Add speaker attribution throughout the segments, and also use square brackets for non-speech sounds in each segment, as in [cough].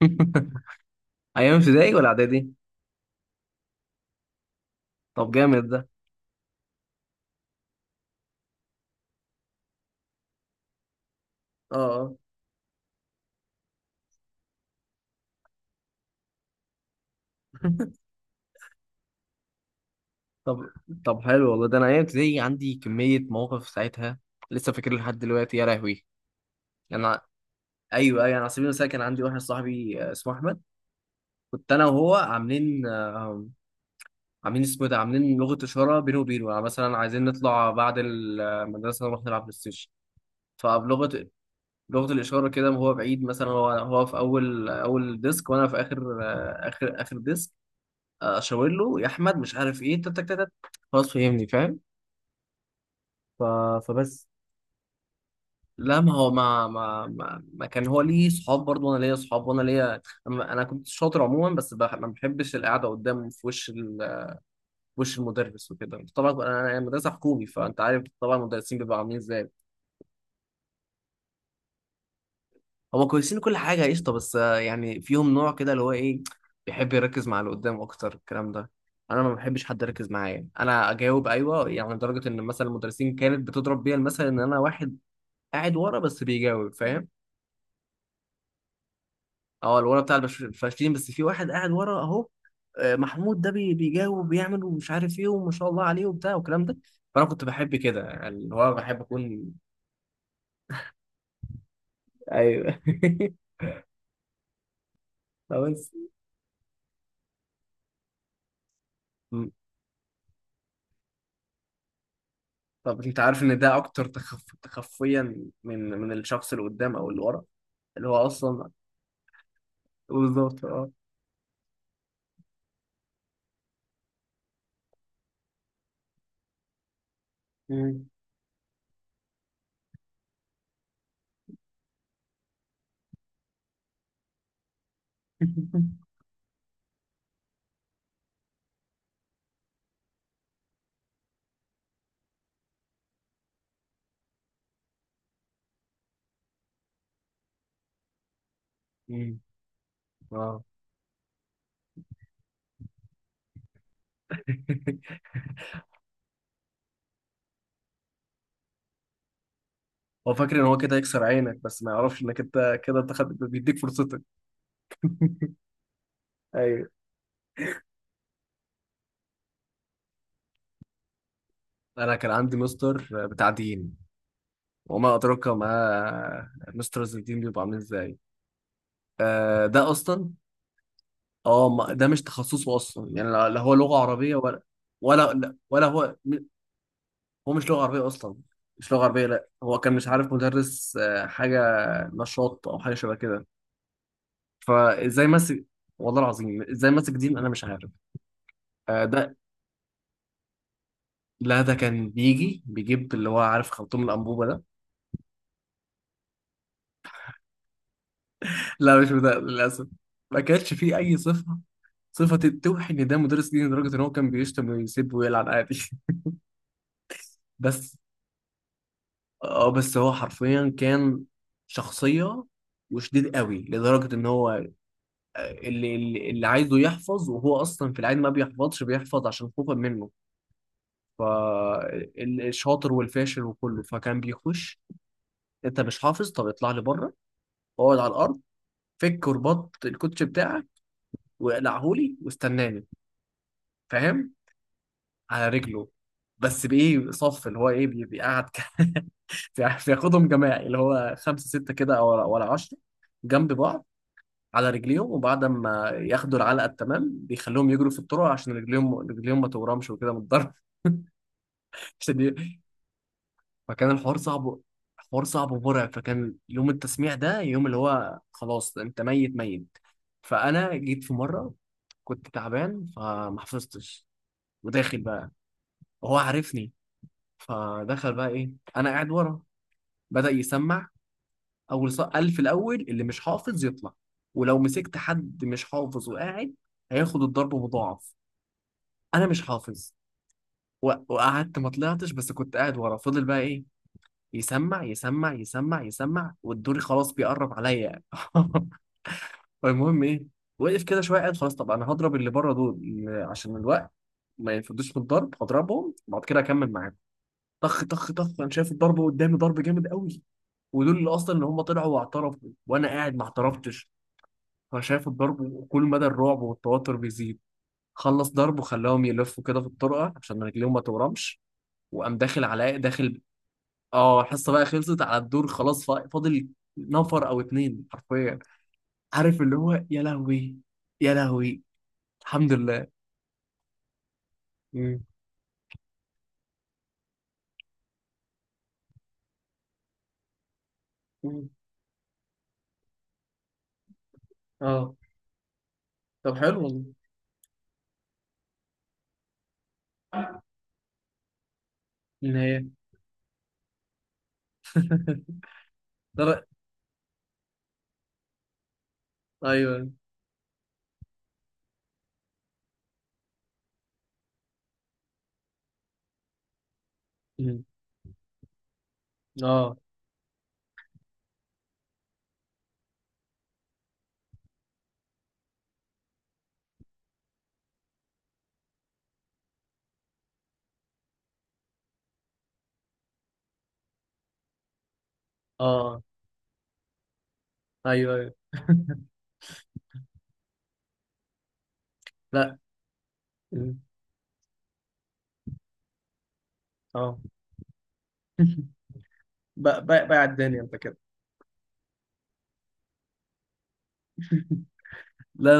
Speaker 1: [laughs] ايام ابتدائي ولا اعدادي؟ طب جامد ده. اه، آه. طب طب حلو والله. ده انا ايام ابتدائي عندي كميه مواقف ساعتها، لسه فاكر لحد دلوقتي، يا لهوي. انا ايوه، ايوه، انا على سبيل المثال كان عندي واحد صاحبي اسمه احمد. كنت انا وهو عاملين عاملين اسمه إيه ده، عاملين لغه اشاره بينه وبينه، يعني مثلا عايزين نطلع بعد المدرسه نروح نلعب بلاي ستيشن. فبلغه لغه الاشاره كده، هو بعيد مثلا، هو في اول ديسك وانا في اخر آه، اخر اخر ديسك، اشاور له يا احمد مش عارف ايه، تك تك تك تك. خلاص، فهمني، فاهم. ف... فبس. لا، ما هو، ما كان هو ليه صحاب برضه وانا ليا صحاب، وانا ليا انا كنت شاطر عموما، بس ما بحبش القعده قدام في وش في وش المدرس وكده. طبعا انا مدرسه حكومي، فانت عارف طبعا المدرسين بيبقوا عاملين ازاي. هما كويسين، كل حاجة قشطة، بس يعني فيهم نوع كده اللي هو ايه، بيحب يركز مع اللي قدام أكتر، الكلام ده أنا ما بحبش حد يركز معايا. أنا أجاوب أيوه، يعني لدرجة إن مثلا المدرسين كانت بتضرب بيا المثل إن أنا واحد قاعد ورا بس بيجاوب، فاهم. أه، الورا بتاع الفاشلين، بس في واحد قاعد ورا أهو، محمود ده بيجاوب وبيعمل ومش عارف إيه وما شاء الله عليه وبتاع والكلام ده. فأنا كنت بحب كده، يعني اللي هو بحب أكون. أيوه. [laughs] فبس. طب انت عارف ان ده اكتر تخفيا من الشخص اللي قدام او اللي ورا، اللي هو اصلا. بالظبط، اه. مم. [laughs] مم. اه، هو فاكر ان هو كده يكسر عينك، بس ما يعرفش انك انت كده، انت بيديك فرصتك. ايوه. انا كان عندي مستر بتاع دين، وما ادراك ما. مستر الدين بيبقى عامل ازاي؟ ده اصلا، ده مش تخصصه اصلا، يعني لا لا، هو لغه عربيه ولا، ولا ولا هو. هو مش لغة عربية أصلا، مش لغة عربية، لأ. هو كان مش عارف مدرس، حاجة نشاط أو حاجة شبه كده، فإزاي مسك. والله العظيم إزاي مسك دين أنا مش عارف. آه، ده لا، ده كان بيجي بيجيب اللي هو عارف خرطوم الأنبوبة ده. [laughs] لا، مش ده للأسف. ما كانش فيه أي صفة، صفة توحي إن ده مدرس دين، لدرجة إن هو كان بيشتم ويسب ويلعن عادي. [laughs] بس اه بس هو حرفيا كان شخصية وشديد قوي، لدرجة إن هو اللي عايزه يحفظ، وهو اصلا في العادي ما بيحفظش، بيحفظ عشان خوفا منه. فالشاطر والفاشل وكله، فكان بيخش: انت مش حافظ، طب اطلع لي بره، اقعد على الارض، فك ورباط الكوتش بتاعك واقلعهولي، واستناني، فاهم. على رجله. بس بايه صف اللي هو ايه، بيقعد [laughs] بياخدهم جماعي، اللي هو خمسه سته كده او ولا عشره، جنب بعض على رجليهم. وبعد ما ياخدوا العلقه التمام بيخلوهم يجروا في الطرق عشان رجليهم ما تورمش وكده من الضرب. [laughs] عشان ي- فكان الحوار صعب، حوار صعب ومرعب، فكان يوم التسميع ده يوم اللي هو خلاص انت ميت، ميت. فانا جيت في مره كنت تعبان فما حفظتش، وداخل بقى وهو عارفني. فدخل بقى ايه، انا قاعد ورا، بدأ يسمع. قال في الاول اللي مش حافظ يطلع، ولو مسكت حد مش حافظ وقاعد هياخد الضرب مضاعف. انا مش حافظ، وقعدت ما طلعتش بس كنت قاعد ورا. فضل بقى ايه، يسمع يسمع يسمع يسمع، والدوري خلاص بيقرب عليا. المهم [laughs] ايه، وقف كده شويه قاعد خلاص. طب انا هضرب اللي بره دول عشان الوقت ما ينفدوش في الضرب، هضربهم بعد كده اكمل معاهم. طخ طخ طخ، انا شايف الضرب قدامي، ضرب جامد قوي. ودول اللي اصلا اللي هم طلعوا واعترفوا، وانا قاعد ما اعترفتش، فانا شايف الضرب وكل مدى الرعب والتوتر بيزيد. خلص ضرب، وخلاهم يلفوا كده في الطرقه عشان رجليهم ما تورمش، وقام داخل على داخل. اه، الحصه بقى خلصت على الدور خلاص، فاضل نفر او اتنين حرفيا، عارف اللي هو، يا لهوي، يا لهوي. الحمد لله. مم. مم. اه. طب حلو والله. النهاية. [laughs] ترى، ايوه. مم. اه. اه، ايوه، ايوه. [laughs] لا. مم. اه. [laughs] بقى الدنيا انت كده. لا،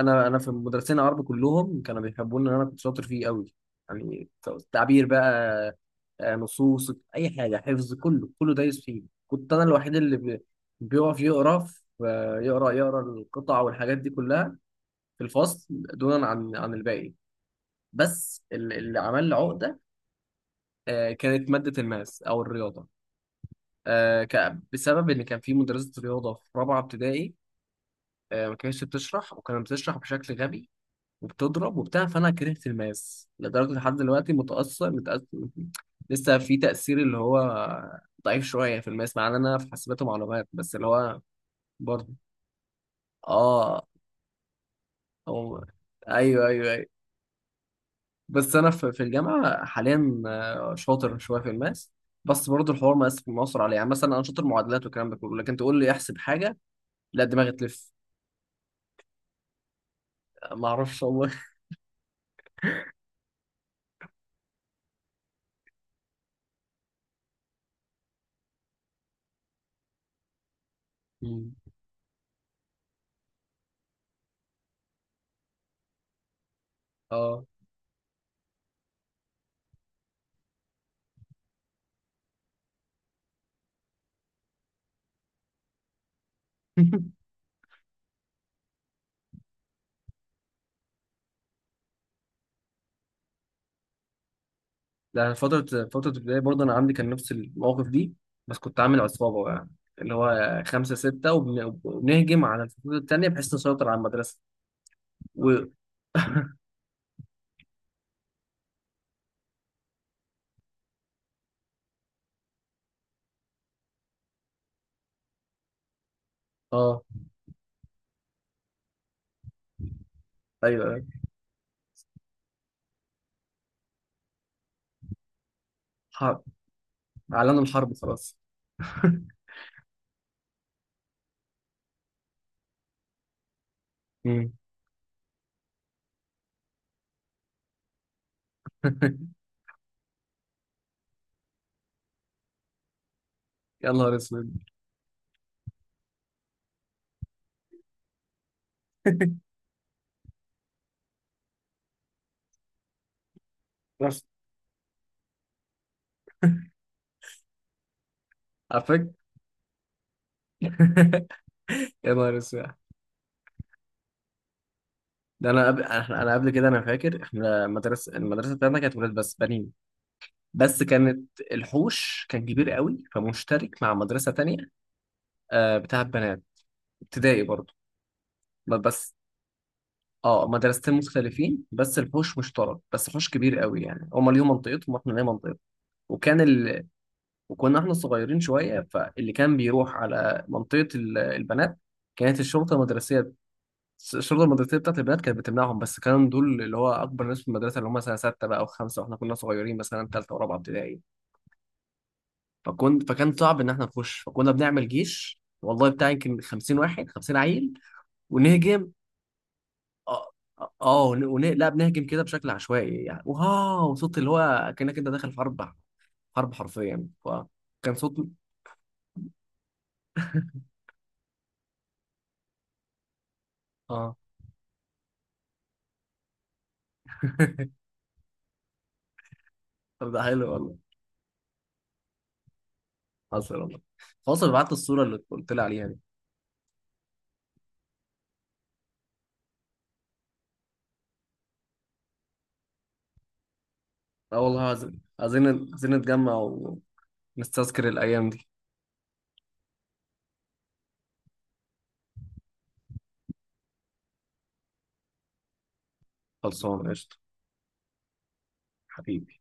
Speaker 1: انا في مدرسين عربي كلهم كانوا بيحبوني ان انا كنت شاطر فيه قوي، يعني. تعبير بقى، نصوص، اي حاجه حفظ، كله كله دايس فيه. كنت انا الوحيد اللي بيقف يقرا يقرا القطع والحاجات دي كلها في الفصل، دونا عن الباقي. بس اللي عمل لي عقده كانت ماده الماس او الرياضه، بسبب ان كان في مدرسه رياضه في رابعه ابتدائي ما كانتش بتشرح، وكانت بتشرح بشكل غبي وبتضرب وبتاع، فانا كرهت الماس لدرجه لحد دلوقتي متاثر، متأثر، لسه في تاثير اللي هو ضعيف شويه في الماس، مع ان انا في حاسبات ومعلومات. بس اللي هو برضه. اه هو. ايوه، ايوه، ايوه. بس انا في الجامعه حاليا شاطر شويه في الماس، بس برضه الحوار ما مؤثر عليه، يعني مثلا انا شاطر معادلات والكلام ده كله، لكن تقول لي احسب حاجه، لا دماغي تلف، ما اعرفش والله. مم. اه. [laughs] لا، فترة البداية برضه أنا عندي كان نفس المواقف دي، بس كنت عامل عصابة بقى، اللي هو خمسة ستة، وبنهجم على الفصول التانية بحيث نسيطر على المدرسة. و آه أيوه، أيوه. حرب، إعلان الحرب، خلاص. مم. [laughs] يا نهار أسود. بس عارفك. [laughs] يا نهار أسود. ده أنا قبل أنا قبل كده، أنا فاكر إحنا المدرسة بتاعتنا كانت ولاد بس بنين، بس كانت الحوش كان كبير قوي فمشترك مع مدرسة تانية بتاعت بنات، ابتدائي برضه. بس اه، مدرستين مختلفين بس الحوش مشترك، بس حوش كبير قوي، يعني هما ليهم منطقتهم واحنا لينا منطقتنا. وكان ال... وكنا احنا صغيرين شويه، فاللي كان بيروح على منطقه البنات كانت الشرطه المدرسيه، الشرطه المدرسيه بتاعت البنات كانت بتمنعهم، بس كانوا دول اللي هو اكبر ناس في المدرسه، اللي هم سنه سته بقى او خمسه، واحنا كنا صغيرين مثلا ثالثه ورابعه ابتدائي. فكان صعب ان احنا نخش، فكنا بنعمل جيش والله بتاع يمكن 50 واحد، 50 عيل، ونهجم. اه لا، بنهجم كده بشكل عشوائي، يعني واو، صوت اللي هو كأنك انت داخل في حرب، حرب حرفيا، فكان صوت. اه [laughs] طب ده حلو والله. حصل والله. خلاص، انا بعت الصورة اللي قلت لي عليها دي. اه، والله عايزين، عايزين، عايزين نتجمع ونستذكر الأيام دي. خلصانة، قشطة. حبيبي.